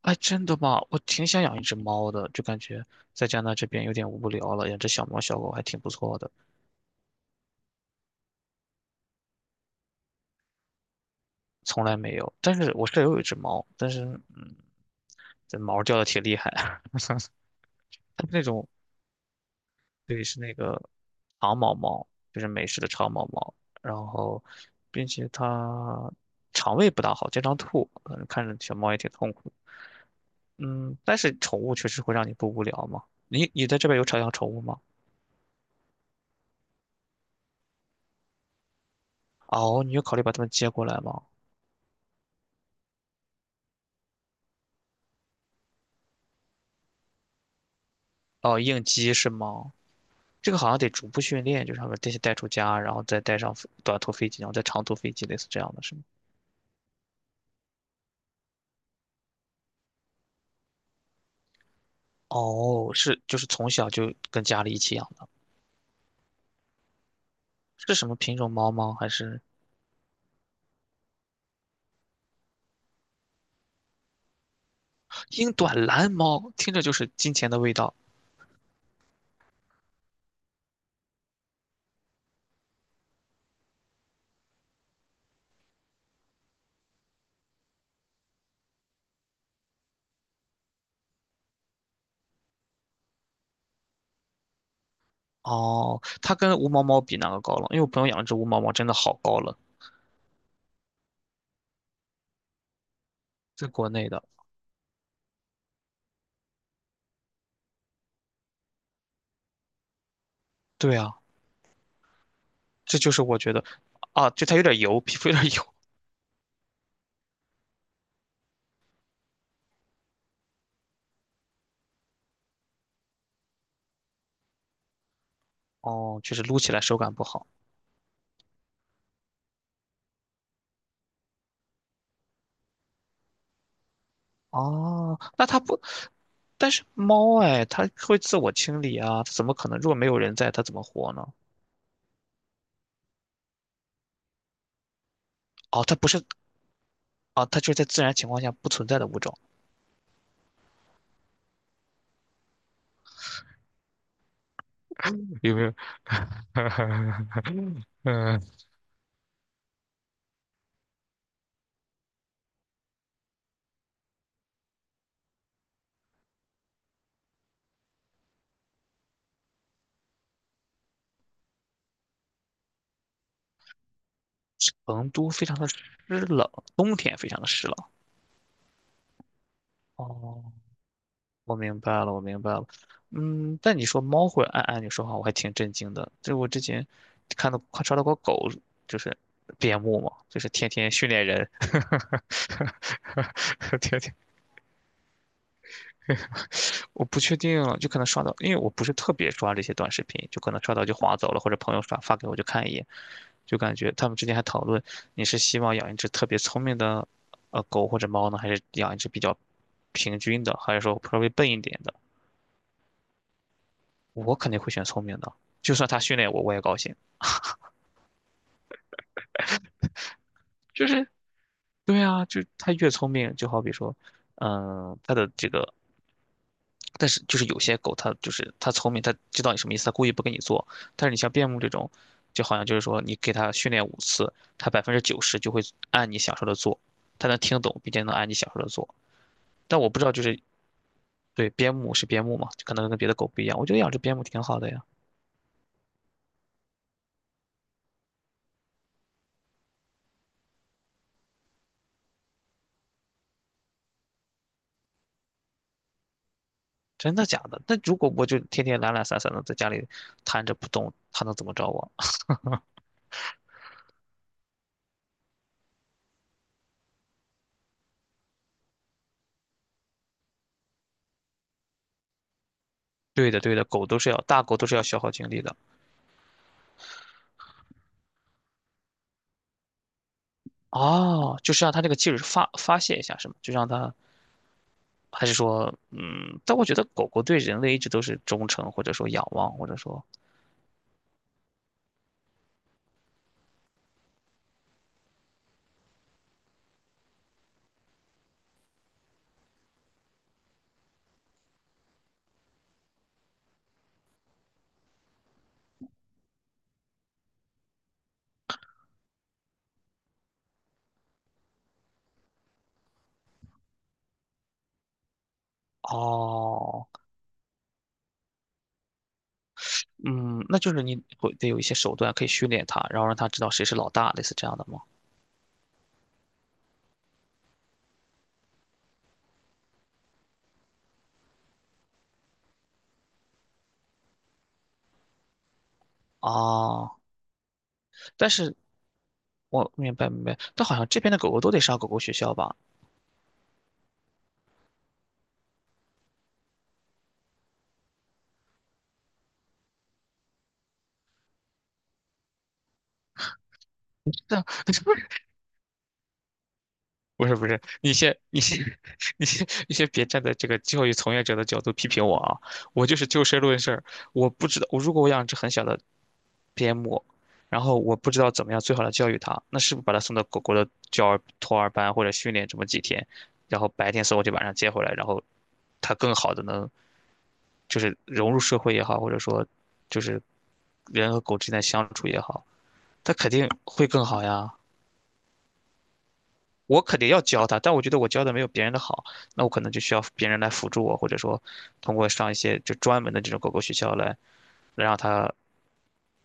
哎，真的吗？我挺想养一只猫的，就感觉在加拿大这边有点无聊了，养只小猫小狗还挺不错的。从来没有。但是我舍友有一只猫，但是这毛掉的挺厉害啊。它是那种对，是那个长毛猫，就是美式的长毛猫，然后并且它肠胃不大好，经常吐，反正看着小猫也挺痛苦。嗯，但是宠物确实会让你不无聊嘛。你在这边有养宠物吗？哦，你有考虑把它们接过来吗？哦，应激是吗？这个好像得逐步训练，就是他们先带出家，然后再带上飞短途飞机，然后再长途飞机，类似这样的是吗？哦，是，就是从小就跟家里一起养的。是什么品种猫吗？还是英短蓝猫？听着就是金钱的味道。哦，它跟无毛猫比哪个高冷？因为我朋友养了只无毛猫，真的好高冷。在国内的。对啊，这就是我觉得，啊，就它有点油，皮肤有点油。哦，就是撸起来手感不好。哦，那它不，但是猫哎，它会自我清理啊，它怎么可能？如果没有人在，它怎么活呢？哦，它不是啊，它就是在自然情况下不存在的物种。有没有？嗯，成都非常的湿冷，冬天非常的湿冷。哦，我明白了，我明白了。嗯，但你说猫会按按钮说话，我还挺震惊的。就我之前看到看刷到过狗，就是边牧嘛，就是天天训练人。天天我不确定，就可能刷到，因为我不是特别刷这些短视频，就可能刷到就划走了，或者朋友刷发给我就看一眼，就感觉他们之间还讨论。你是希望养一只特别聪明的狗或者猫呢，还是养一只比较平均的，还是说稍微笨一点的？我肯定会选聪明的，就算它训练我，我也高兴。就是对啊，就它越聪明，就好比说，嗯，它的这个但是就是有些狗它就是它聪明，它知道你什么意思，它故意不跟你做。但是你像边牧这种，就好像就是说你给它训练5次，它90%就会按你想说的做，它能听懂，并且能按你想说的做。但我不知道就是对边牧是边牧嘛，就可能跟别的狗不一样。我觉得养只边牧挺好的呀。真的假的？那如果我就天天懒懒散散的在家里瘫着不动，它能怎么着我？对的，对的，狗都是要大狗都是要消耗精力的。哦，就是让它这个劲儿发发泄一下，是吗？就让它还是说，嗯，但我觉得狗狗对人类一直都是忠诚，或者说仰望，或者说，哦，嗯，那就是你会得有一些手段可以训练它，然后让它知道谁是老大，类似这样的吗？哦，但是我明白明白，但好像这边的狗狗都得上狗狗学校吧？但 不是，你先 你先别站在这个教育从业者的角度批评我啊！我就是就事论事儿，我不知道我如果我养只很小的边牧，然后我不知道怎么样最好的教育它，那是不是把它送到狗狗的教儿托儿班或者训练这么几天，然后白天送过去，晚上接回来，然后它更好的能就是融入社会也好，或者说就是人和狗之间的相处也好，它肯定会更好呀。我肯定要教他，但我觉得我教的没有别人的好，那我可能就需要别人来辅助我，或者说通过上一些就专门的这种狗狗学校来来让他，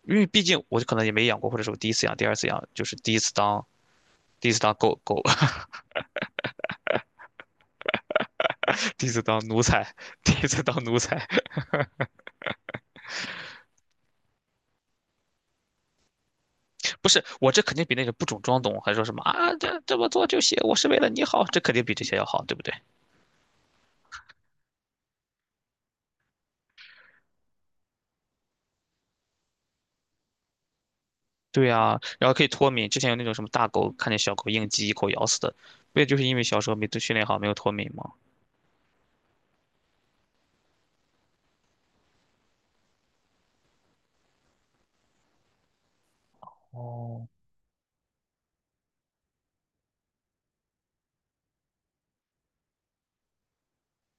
因为毕竟我可能也没养过，或者是我第一次养、第二次养，就是第一次当狗狗。第一次当奴才，第一次当奴才。不是我这肯定比那个不懂装懂，还说什么啊这这么做就行，我是为了你好，这肯定比这些要好，对不对？对呀，然后可以脱敏，之前有那种什么大狗看见小狗应激一口咬死的，不也就是因为小时候没训练好，没有脱敏吗？哦，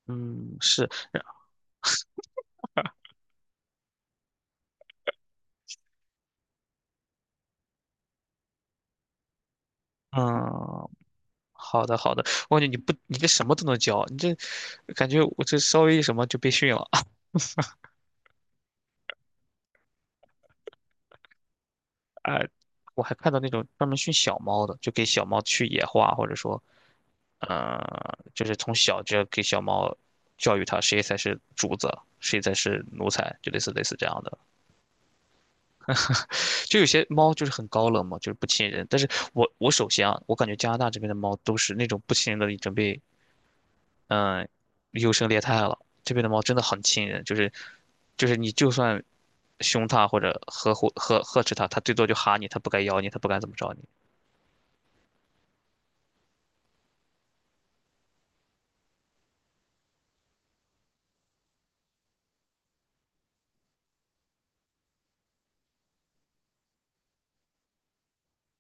嗯，是，嗯，好的，好的。我感觉你不，你这什么都能教，你这感觉我这稍微一什么就被训了。啊，我还看到那种专门训小猫的，就给小猫去野化，或者说，呃，就是从小就要给小猫教育它谁才是主子，谁才是奴才，就类似这样的。就有些猫就是很高冷嘛，就是不亲人。但是我首先啊，我感觉加拿大这边的猫都是那种不亲人的，已经被嗯，优胜劣汰了。这边的猫真的很亲人，就是就是你就算凶它或者呵护呵呵斥它，它最多就哈你，它不敢咬你，它不敢怎么着你。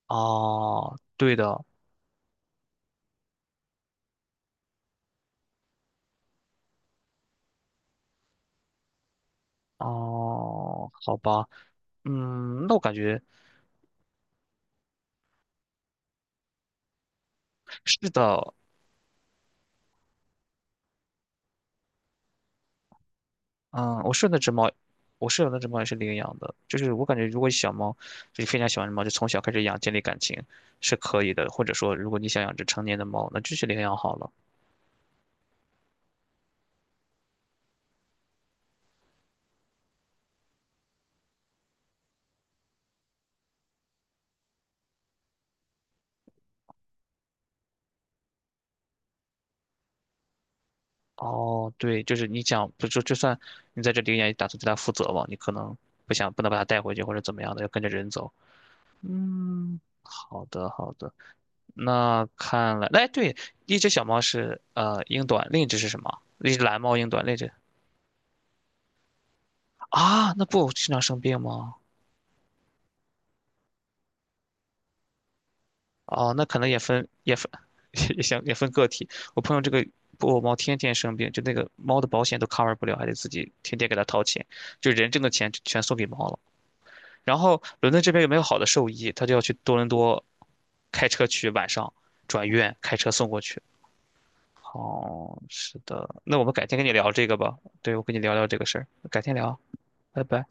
哦，对的。哦，好吧。嗯，那我感觉是的。嗯，我舍友那只猫，我舍友那只猫也是领养的，就是我感觉如果小猫就是非常喜欢的猫，就从小开始养，建立感情是可以的，或者说如果你想养只成年的猫，那就去领养好了。哦，对，就是你讲，不就就算你在这里也打算对它负责嘛，你可能不想不能把它带回去或者怎么样的，要跟着人走。嗯，好的好的。那看来，哎，对，一只小猫是呃英短，另一只是什么？一只蓝猫英短，另一只啊，那不经常生病吗？哦，那可能也分也分 也行也分个体。我朋友这个布偶猫天天生病，就那个猫的保险都 cover 不了，还得自己天天给它掏钱，就人挣的钱全送给猫了。然后伦敦这边有没有好的兽医，他就要去多伦多开车去，晚上转院开车送过去。哦，是的，那我们改天跟你聊这个吧。对，我跟你聊聊这个事儿，改天聊。拜拜。